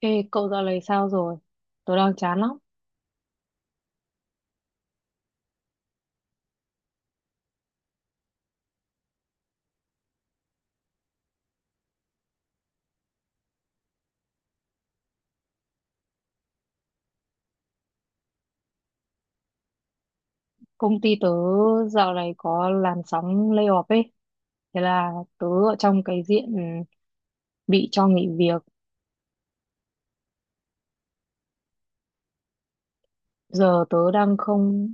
Ê, cậu dạo này sao rồi? Tớ đang chán lắm. Công ty tớ dạo này có làn sóng layoff ấy. Thế là tớ ở trong cái diện bị cho nghỉ việc. Giờ tớ đang không...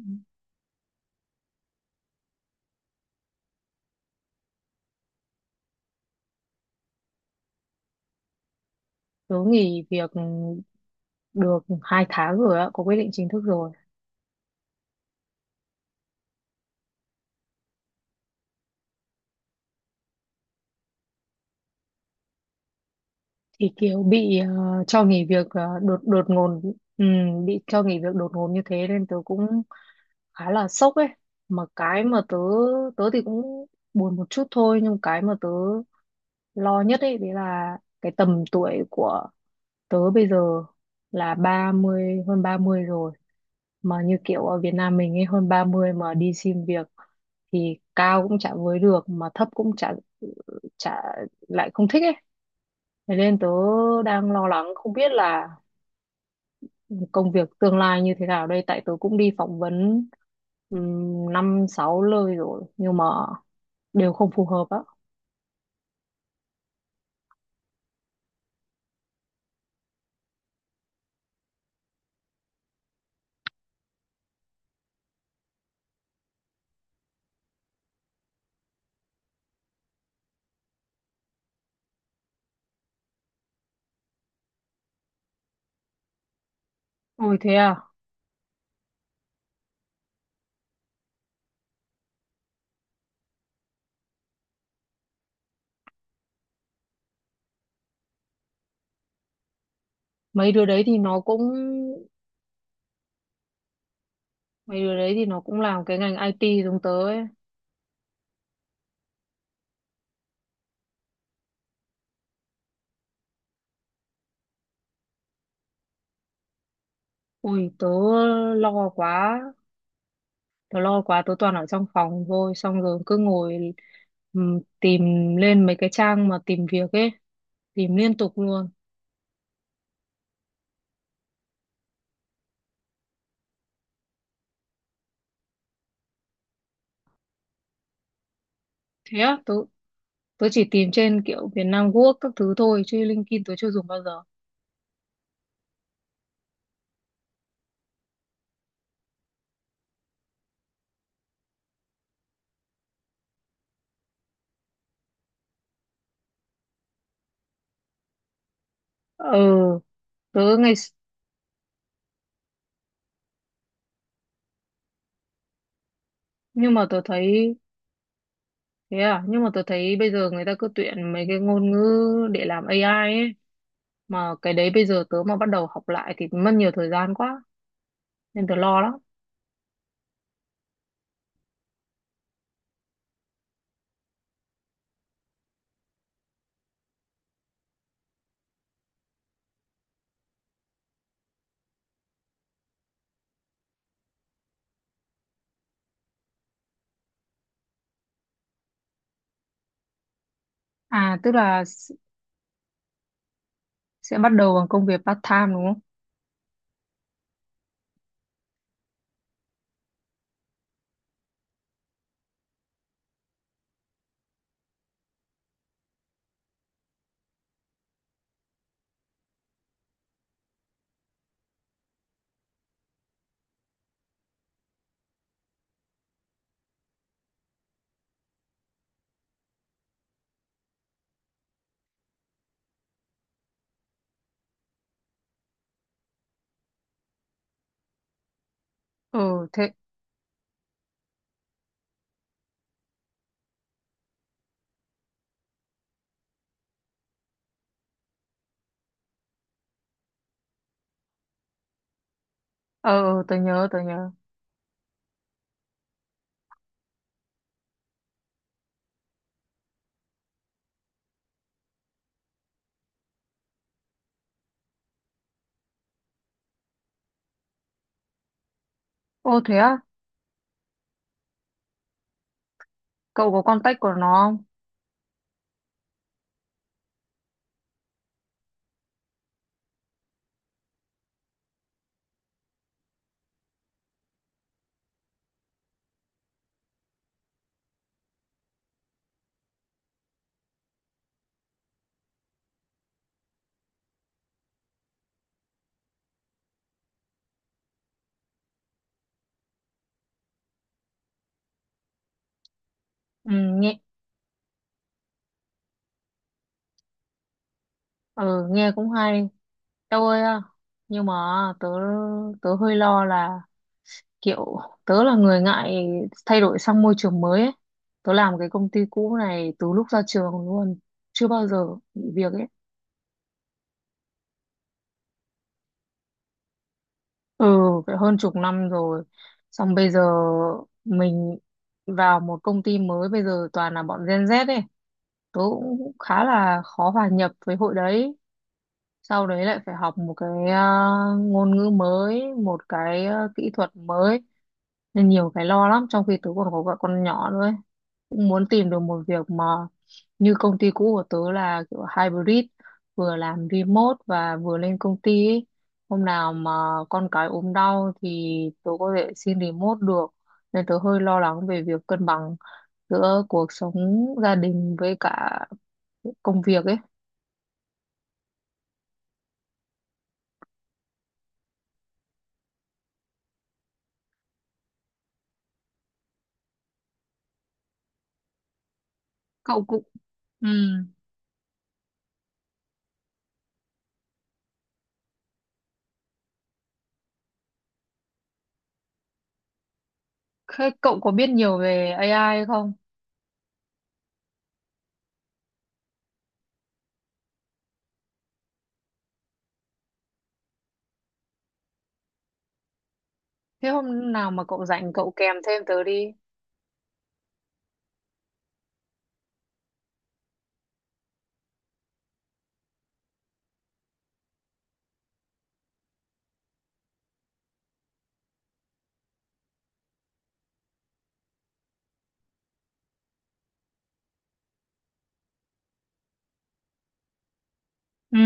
Tớ nghỉ việc được 2 tháng rồi ạ. Có quyết định chính thức rồi. Thì kiểu bị cho nghỉ việc đột đột ngột. Ừ, bị cho nghỉ việc đột ngột như thế nên tớ cũng khá là sốc ấy. Mà cái mà tớ... Tớ thì cũng buồn một chút thôi. Nhưng cái mà tớ lo nhất ấy đấy là cái tầm tuổi của tớ bây giờ là 30 hơn 30 rồi, mà như kiểu ở Việt Nam mình ấy, hơn 30 mà đi xin việc thì cao cũng chả với được mà thấp cũng chả chả lại không thích ấy, thế nên tớ đang lo lắng không biết là công việc tương lai như thế nào đây, tại tớ cũng đi phỏng vấn năm sáu nơi rồi nhưng mà đều không phù hợp á. Ôi thế à, mấy đứa đấy thì nó cũng... Mấy đứa đấy thì nó cũng làm cái ngành IT giống tớ ấy. Ui, tớ lo quá. Tớ lo quá, tớ toàn ở trong phòng thôi. Xong rồi cứ ngồi tìm lên mấy cái trang mà tìm việc ấy. Tìm liên tục luôn. Thế á, tớ chỉ tìm trên kiểu Việt Nam Work các thứ thôi. Chứ LinkedIn tớ chưa dùng bao giờ. Ừ, tớ ngày... Nhưng mà tớ thấy... Thế à, nhưng mà tớ thấy bây giờ người ta cứ tuyển mấy cái ngôn ngữ để làm AI ấy. Mà cái đấy bây giờ tớ mà bắt đầu học lại thì mất nhiều thời gian quá. Nên tớ lo lắm. À tức là sẽ bắt đầu bằng công việc part time đúng không? Ừ thế. Ờ, Tớ nhớ tớ nhớ. Ô thế á, cậu có contact của nó không? Ừ nghe, ừ nghe cũng hay. Đâu ơi à, nhưng mà tớ tớ hơi lo là kiểu tớ là người ngại thay đổi sang môi trường mới ấy. Tớ làm cái công ty cũ này từ lúc ra trường luôn, chưa bao giờ nghỉ việc ấy. Ừ, phải hơn chục năm rồi. Xong bây giờ mình vào một công ty mới, bây giờ toàn là bọn Gen Z ấy. Tớ cũng khá là khó hòa nhập với hội đấy. Sau đấy lại phải học một cái ngôn ngữ mới, một cái kỹ thuật mới. Nên nhiều cái lo lắm, trong khi tớ còn có vợ con nhỏ nữa ấy, cũng muốn tìm được một việc mà như công ty cũ của tớ là kiểu hybrid, vừa làm remote và vừa lên công ty ấy. Hôm nào mà con cái ốm đau thì tớ có thể xin remote được, nên tớ hơi lo lắng về việc cân bằng giữa cuộc sống gia đình với cả công việc ấy. Cậu cũng ừ. Thế cậu có biết nhiều về AI không? Thế hôm nào mà cậu rảnh cậu kèm thêm tớ đi. Ừ,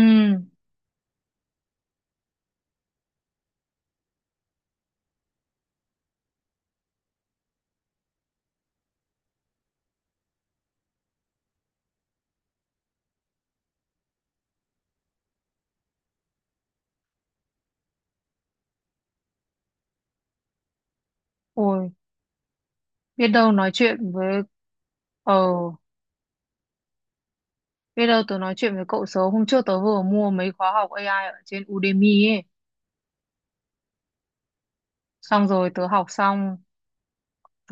ôi, biết đâu nói chuyện với ờ bây giờ tớ nói chuyện với cậu sớm. Hôm trước tớ vừa mua mấy khóa học AI ở trên Udemy ấy. Xong rồi tớ học xong,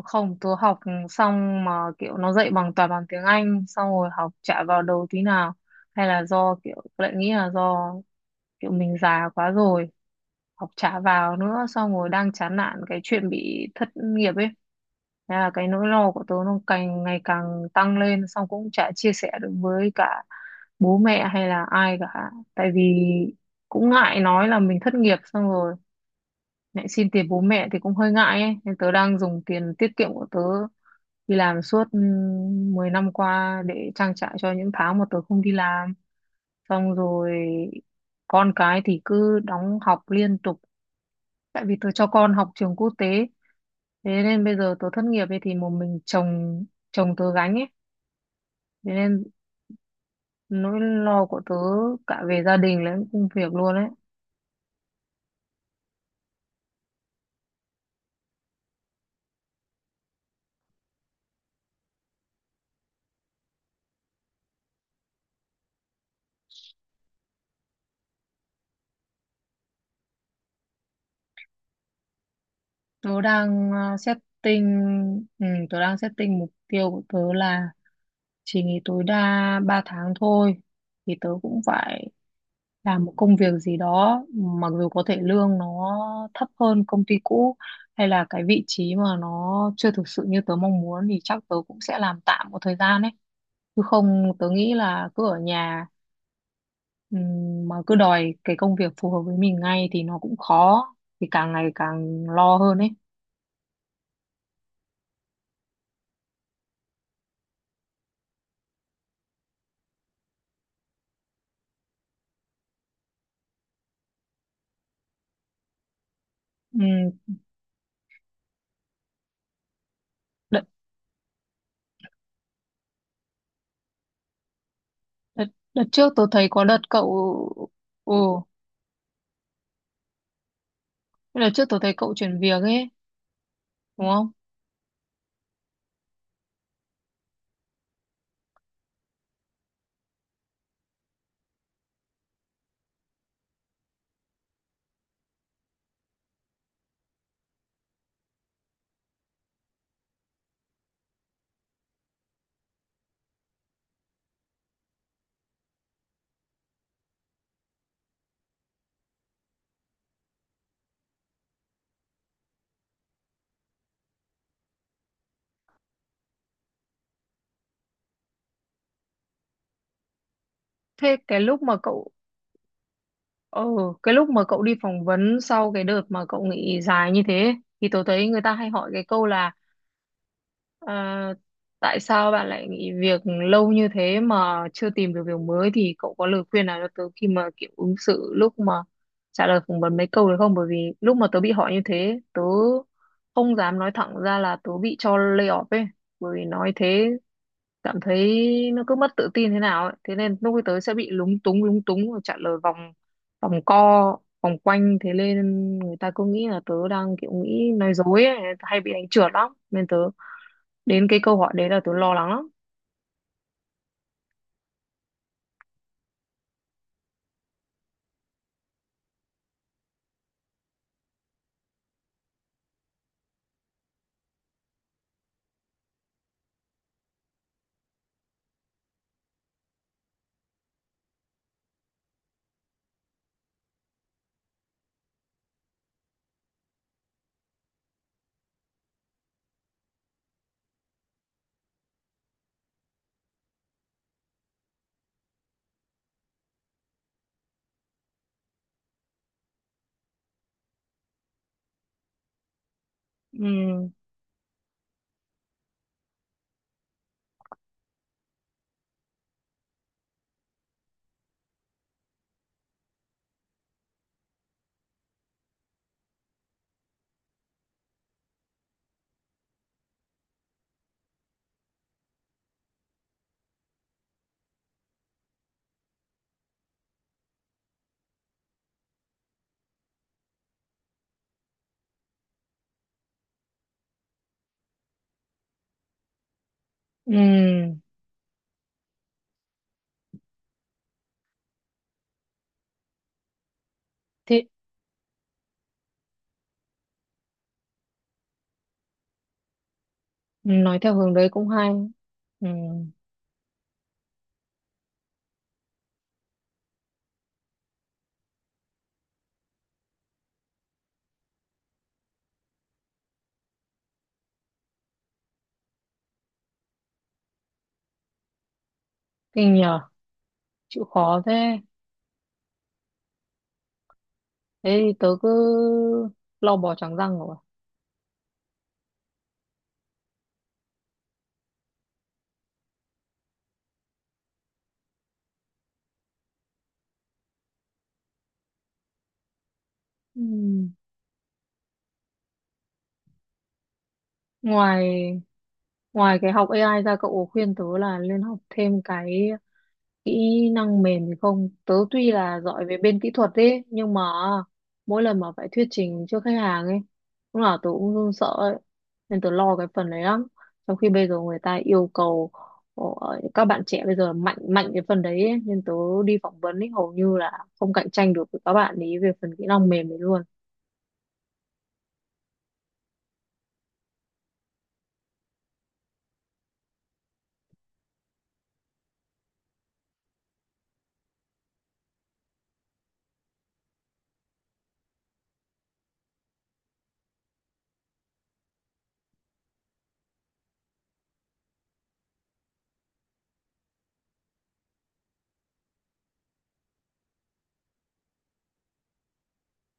không tớ học xong mà kiểu nó dạy bằng toàn bằng tiếng Anh, xong rồi học chả vào đầu tí nào. Hay là do kiểu tớ lại nghĩ là do kiểu mình già quá rồi, học chả vào nữa, xong rồi đang chán nản cái chuyện bị thất nghiệp ấy. Thế là cái nỗi lo của tớ nó càng ngày càng tăng lên, xong cũng chả chia sẻ được với cả bố mẹ hay là ai cả, tại vì cũng ngại nói là mình thất nghiệp xong rồi lại xin tiền bố mẹ thì cũng hơi ngại ấy, nên tớ đang dùng tiền tiết kiệm của tớ đi làm suốt 10 năm qua để trang trải cho những tháng mà tớ không đi làm, xong rồi con cái thì cứ đóng học liên tục tại vì tớ cho con học trường quốc tế, thế nên bây giờ tớ thất nghiệp ấy thì một mình chồng, chồng tớ gánh ấy, thế nên nỗi lo của tớ cả về gia đình lẫn công việc luôn ấy. Tớ đang setting, ừ, tớ đang setting mục tiêu của tớ là chỉ nghỉ tối đa 3 tháng thôi, thì tớ cũng phải làm một công việc gì đó, mặc dù có thể lương nó thấp hơn công ty cũ hay là cái vị trí mà nó chưa thực sự như tớ mong muốn thì chắc tớ cũng sẽ làm tạm một thời gian ấy, chứ không tớ nghĩ là cứ ở nhà mà cứ đòi cái công việc phù hợp với mình ngay thì nó cũng khó, thì càng ngày càng lo hơn ấy. Ừm, đợt, đợt, đợt trước tôi thấy có đợt cậu, ừ đợt trước tôi thấy cậu chuyển việc ấy đúng không? Thế cái lúc mà cậu, ừ, cái lúc mà cậu đi phỏng vấn sau cái đợt mà cậu nghỉ dài như thế thì tớ thấy người ta hay hỏi cái câu là "Ờ, tại sao bạn lại nghỉ việc lâu như thế mà chưa tìm được việc mới", thì cậu có lời khuyên nào cho tớ khi mà kiểu ứng xử lúc mà trả lời phỏng vấn mấy câu được không? Bởi vì lúc mà tớ bị hỏi như thế tớ không dám nói thẳng ra là tớ bị cho lay off ấy, bởi vì nói thế cảm thấy nó cứ mất tự tin thế nào ấy, thế nên lúc tới sẽ bị lúng túng và trả lời vòng vòng co vòng quanh, thế nên người ta cứ nghĩ là tớ đang kiểu nghĩ nói dối ấy, hay bị đánh trượt lắm nên tớ đến cái câu hỏi đấy là tớ lo lắng lắm. Ừ ừ, thế nói theo hướng đấy cũng hay. Ừ kinh nhờ, chịu khó thế, thế thì tớ cứ lo bò trắng răng rồi. Ừ, ngoài ngoài cái học AI ra, cậu có khuyên tớ là nên học thêm cái kỹ năng mềm thì không, tớ tuy là giỏi về bên kỹ thuật ấy nhưng mà mỗi lần mà phải thuyết trình trước khách hàng ấy lúc nào tớ cũng run sợ ấy, nên tớ lo cái phần đấy lắm, trong khi bây giờ người ta yêu cầu ờ, các bạn trẻ bây giờ mạnh mạnh cái phần đấy ấy. Nên tớ đi phỏng vấn ấy hầu như là không cạnh tranh được với các bạn ấy về phần kỹ năng mềm đấy luôn.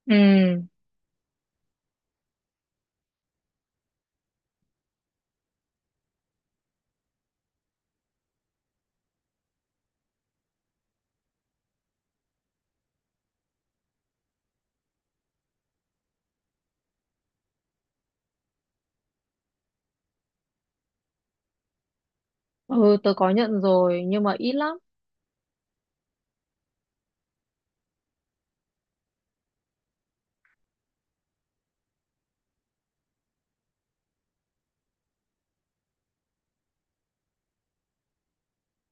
Ừ ừ, tớ có nhận rồi nhưng mà ít lắm.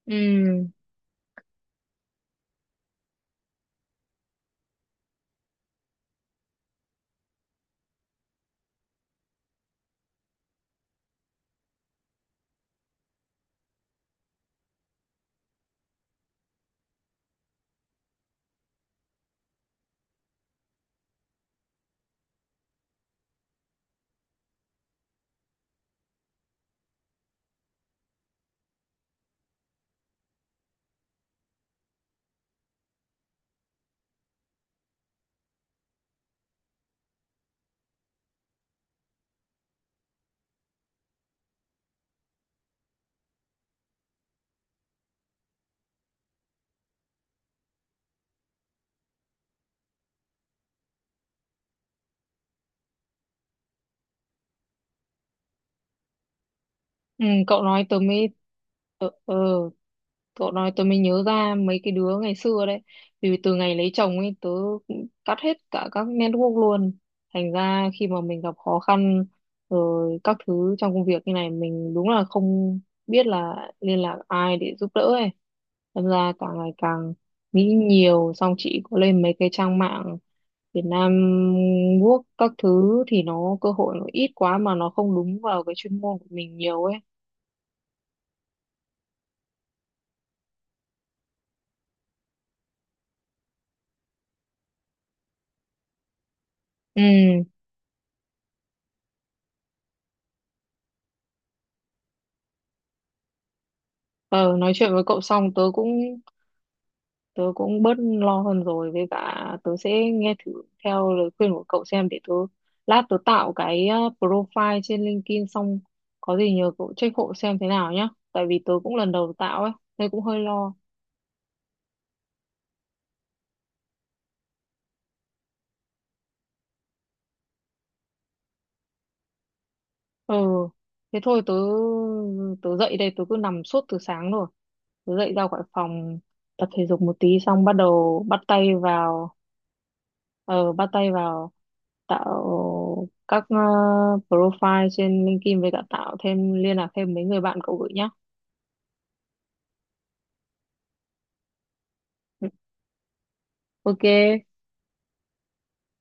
Ừ ừ cậu nói tớ mới, ừ, ừ, cậu nói tớ mới nhớ ra mấy cái đứa ngày xưa đấy. Vì từ ngày lấy chồng ấy tớ cũng cắt hết cả các network luôn. Thành ra khi mà mình gặp khó khăn rồi các thứ trong công việc như này mình đúng là không biết là liên lạc ai để giúp đỡ ấy. Thành ra càng ngày càng nghĩ nhiều, xong chị có lên mấy cái trang mạng Việt Nam Work các thứ thì nó cơ hội nó ít quá mà nó không đúng vào cái chuyên môn của mình nhiều ấy. Ừ, ờ, nói chuyện với cậu xong tớ cũng, tớ cũng bớt lo hơn rồi, với cả tớ sẽ nghe thử theo lời khuyên của cậu xem, để tớ lát tớ tạo cái profile trên LinkedIn, xong có gì nhờ cậu check hộ xem thế nào nhá, tại vì tớ cũng lần đầu tạo ấy nên cũng hơi lo. Ừ thế thôi, tớ tớ dậy đây, tớ cứ nằm suốt từ sáng rồi, tớ dậy ra khỏi phòng tập thể dục một tí xong bắt đầu bắt tay vào, ờ bắt tay vào tạo các profile trên LinkedIn với cả tạo thêm liên lạc thêm mấy người bạn cậu gửi nhá. Ok,